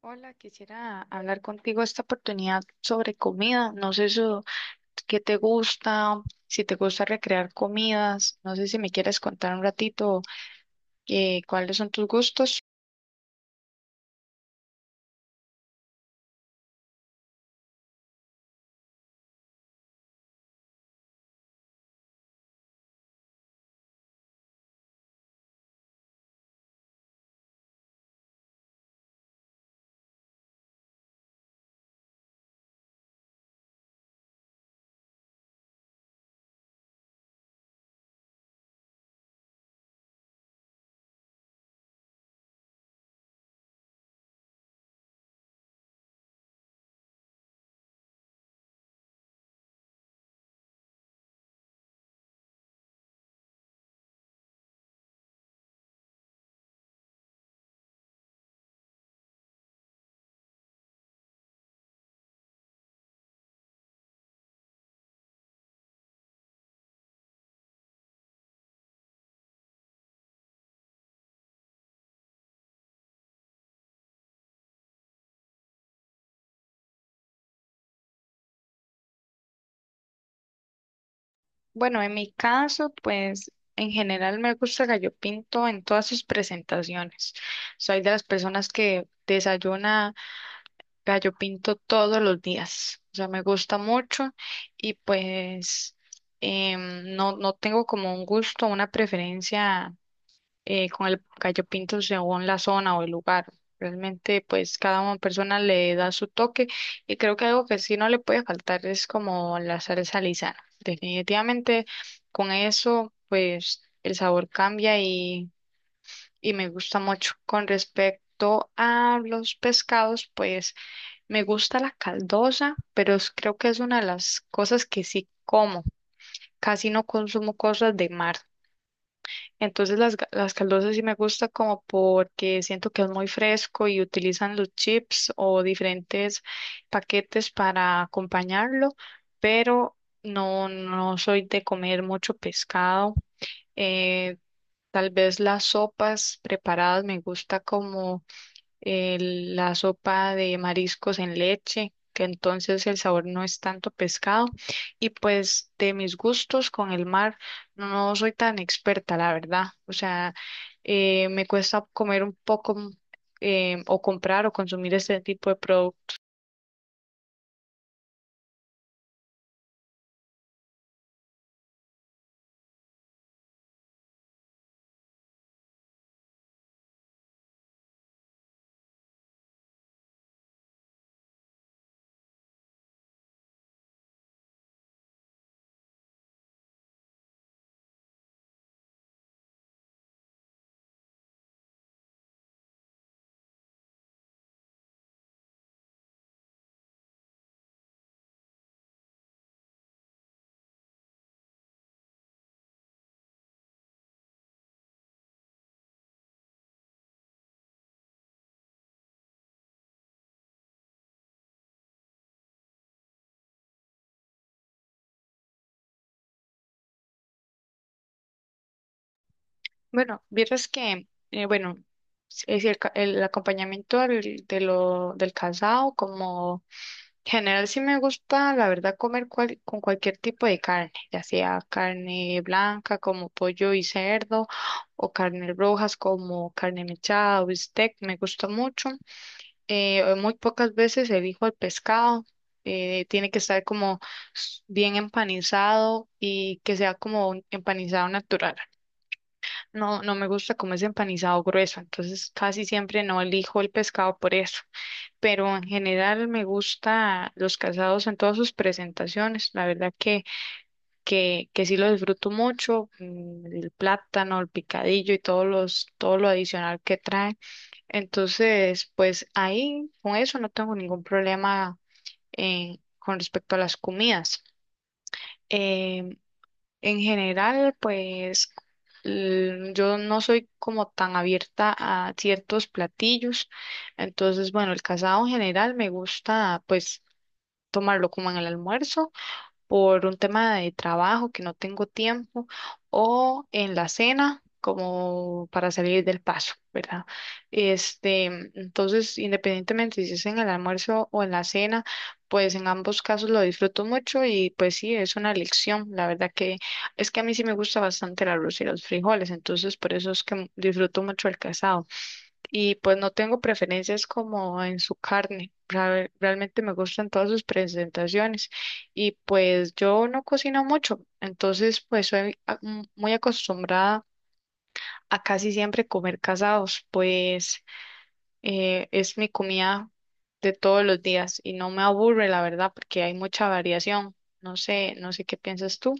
Hola, quisiera hablar contigo esta oportunidad sobre comida. No sé eso, qué te gusta, si te gusta recrear comidas. No sé si me quieres contar un ratito cuáles son tus gustos. Bueno, en mi caso, pues en general me gusta el gallo pinto en todas sus presentaciones. Soy de las personas que desayuna gallo pinto todos los días. O sea, me gusta mucho y pues no tengo como un gusto, una preferencia con el gallo pinto según la zona o el lugar. Realmente, pues cada una persona le da su toque y creo que algo que sí no le puede faltar es como la salsa lisana. Definitivamente, con eso, pues el sabor cambia y me gusta mucho. Con respecto a los pescados, pues me gusta la caldosa, pero creo que es una de las cosas que sí como. Casi no consumo cosas de mar. Entonces las caldosas sí me gusta como porque siento que es muy fresco y utilizan los chips o diferentes paquetes para acompañarlo, pero no soy de comer mucho pescado. Eh, Tal vez las sopas preparadas me gusta como la sopa de mariscos en leche, que entonces el sabor no es tanto pescado. Y pues de mis gustos con el mar, no soy tan experta, la verdad. O sea, me cuesta comer un poco o comprar o consumir este tipo de productos. Bueno, vieras que, bueno, es decir, el acompañamiento del casado, como en general sí me gusta, la verdad, comer con cualquier tipo de carne, ya sea carne blanca como pollo y cerdo, o carnes rojas como carne mechada o bistec, me gusta mucho. Muy pocas veces elijo el pescado, tiene que estar como bien empanizado y que sea como un empanizado natural. No me gusta como es empanizado grueso, entonces casi siempre no elijo el pescado por eso, pero en general me gusta los casados en todas sus presentaciones, la verdad que sí lo disfruto mucho, mm, el plátano, el picadillo y todo lo adicional que trae, entonces pues ahí con eso no tengo ningún problema con respecto a las comidas. Em, en general, pues yo no soy como tan abierta a ciertos platillos, entonces, bueno, el casado en general me gusta pues tomarlo como en el almuerzo por un tema de trabajo que no tengo tiempo o en la cena como para salir del paso, ¿verdad? Este, entonces, independientemente si es en el almuerzo o en la cena, pues en ambos casos lo disfruto mucho y pues sí, es una elección. La verdad que es que a mí sí me gusta bastante el arroz y los frijoles, entonces por eso es que disfruto mucho el casado y pues no tengo preferencias como en su carne. Realmente me gustan todas sus presentaciones y pues yo no cocino mucho, entonces pues soy muy acostumbrada a casi siempre comer casados, pues es mi comida de todos los días y no me aburre la verdad porque hay mucha variación. No sé, no sé qué piensas tú.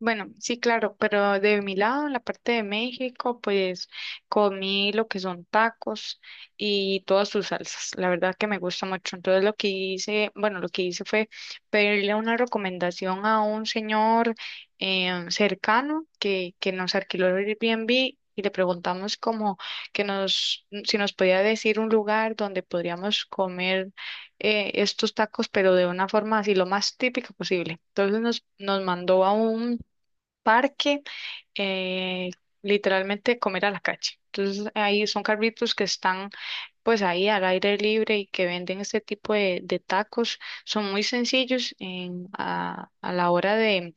Bueno, sí, claro, pero de mi lado, en la parte de México, pues comí lo que son tacos y todas sus salsas. La verdad que me gusta mucho. Entonces lo que hice, bueno, lo que hice fue pedirle una recomendación a un señor cercano que nos alquiló el Airbnb y le preguntamos como que nos, si nos podía decir un lugar donde podríamos comer estos tacos, pero de una forma así lo más típica posible. Entonces nos mandó a un parque, eh, literalmente comer a la calle. Entonces ahí son carritos que están pues ahí al aire libre y que venden este tipo de tacos. Son muy sencillos a la hora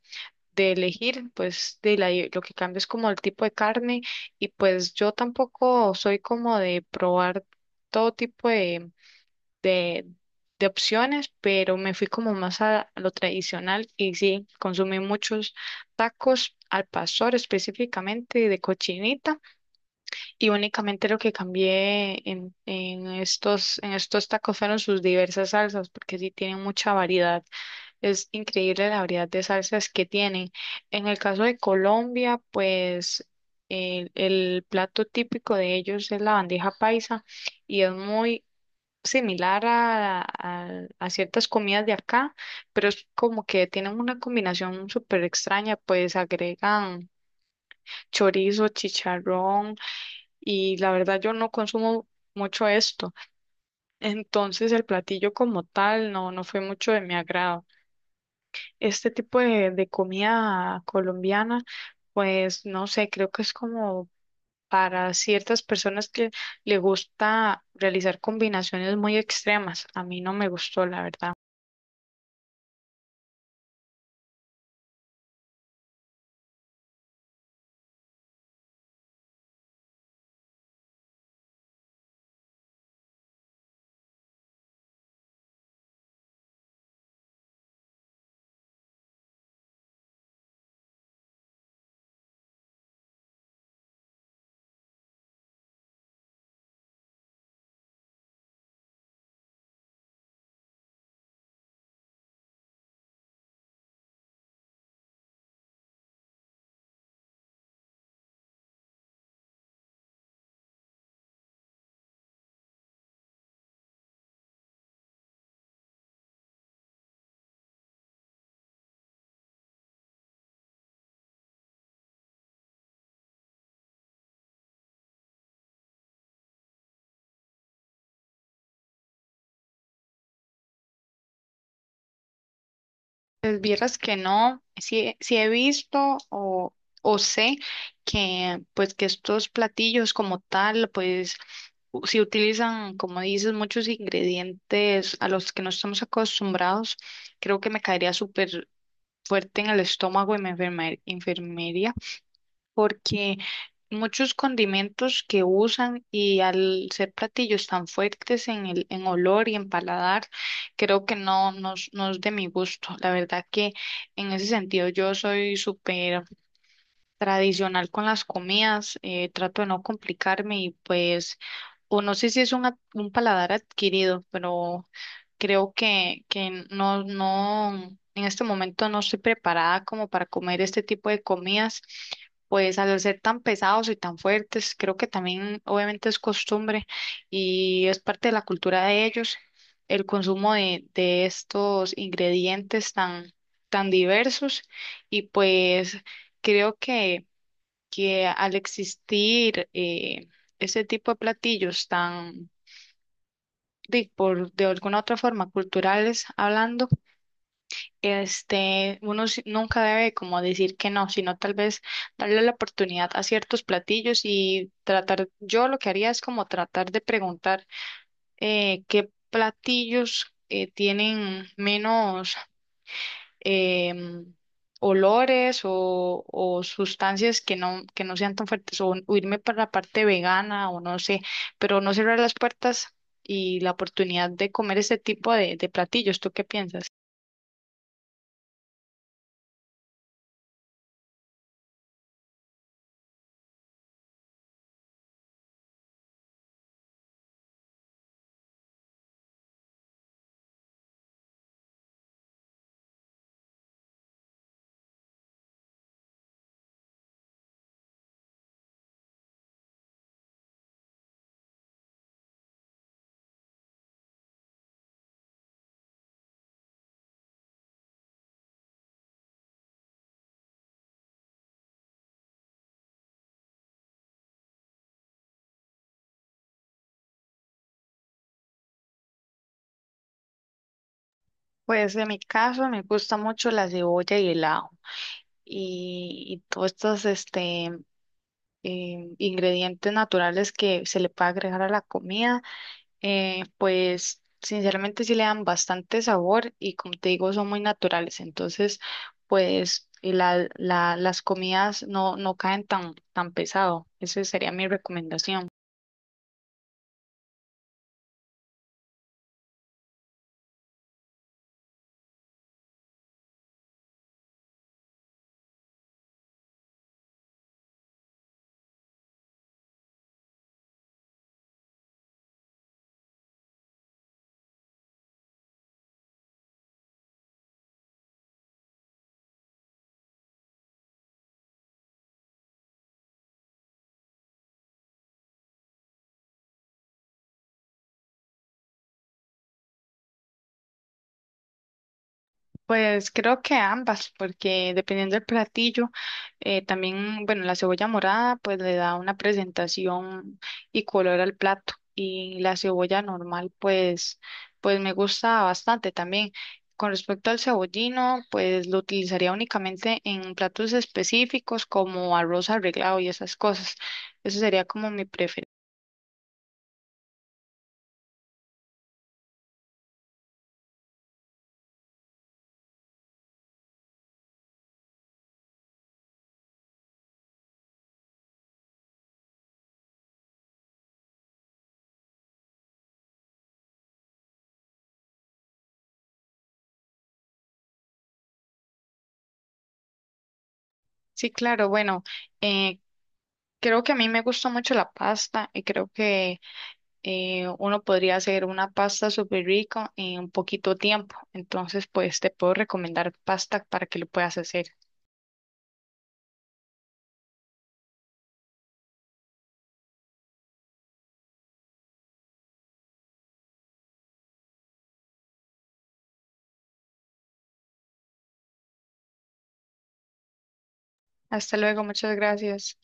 de elegir, pues lo que cambia es como el tipo de carne y pues yo tampoco soy como de probar todo tipo de, de opciones, pero me fui como más a lo tradicional y sí, consumí muchos tacos al pastor específicamente de cochinita y únicamente lo que cambié en estos tacos fueron sus diversas salsas porque sí tienen mucha variedad. Es increíble la variedad de salsas que tienen. En el caso de Colombia, pues el plato típico de ellos es la bandeja paisa y es muy similar a ciertas comidas de acá, pero es como que tienen una combinación súper extraña, pues agregan chorizo, chicharrón y la verdad yo no consumo mucho esto, entonces el platillo como tal no fue mucho de mi agrado. Este tipo de comida colombiana, pues no sé, creo que es como para ciertas personas que le gusta realizar combinaciones muy extremas. A mí no me gustó, la verdad. Pues vieras que no, sí, sí he visto o sé que pues que estos platillos como tal, pues si utilizan, como dices, muchos ingredientes a los que no estamos acostumbrados, creo que me caería súper fuerte en el estómago y me enfermaría porque muchos condimentos que usan y al ser platillos tan fuertes en el, en olor y en paladar, creo que no, no es de mi gusto. La verdad que en ese sentido yo soy súper tradicional con las comidas, trato de no complicarme y pues, o no sé si es un paladar adquirido, pero creo que no, en este momento no estoy preparada como para comer este tipo de comidas, pues al ser tan pesados y tan fuertes, creo que también obviamente es costumbre y es parte de la cultura de ellos el consumo de estos ingredientes tan diversos y pues creo que al existir ese tipo de platillos de alguna otra forma, culturales hablando, uno nunca debe como decir que no, sino tal vez darle la oportunidad a ciertos platillos y tratar, yo lo que haría es como tratar de preguntar qué platillos tienen menos em, olores o sustancias que que no sean tan fuertes, o irme para la parte vegana o no sé, pero no cerrar las puertas y la oportunidad de comer este tipo de platillos. ¿Tú qué piensas? Pues en mi caso me gusta mucho la cebolla y el ajo y todos estos ingredientes naturales que se le puede agregar a la comida. Pues sinceramente sí le dan bastante sabor y como te digo son muy naturales, entonces pues y las comidas no caen tan pesado. Esa sería mi recomendación. Pues creo que ambas, porque dependiendo del platillo, también, bueno, la cebolla morada pues le da una presentación y color al plato y la cebolla normal pues me gusta bastante también. Con respecto al cebollino, pues lo utilizaría únicamente en platos específicos como arroz arreglado y esas cosas. Eso sería como mi preferencia. Sí, claro, bueno, eh, creo que a mí me gusta mucho la pasta y creo que uno podría hacer una pasta súper rica en poquito tiempo. Entonces, pues te puedo recomendar pasta para que lo puedas hacer. Hasta luego, muchas gracias.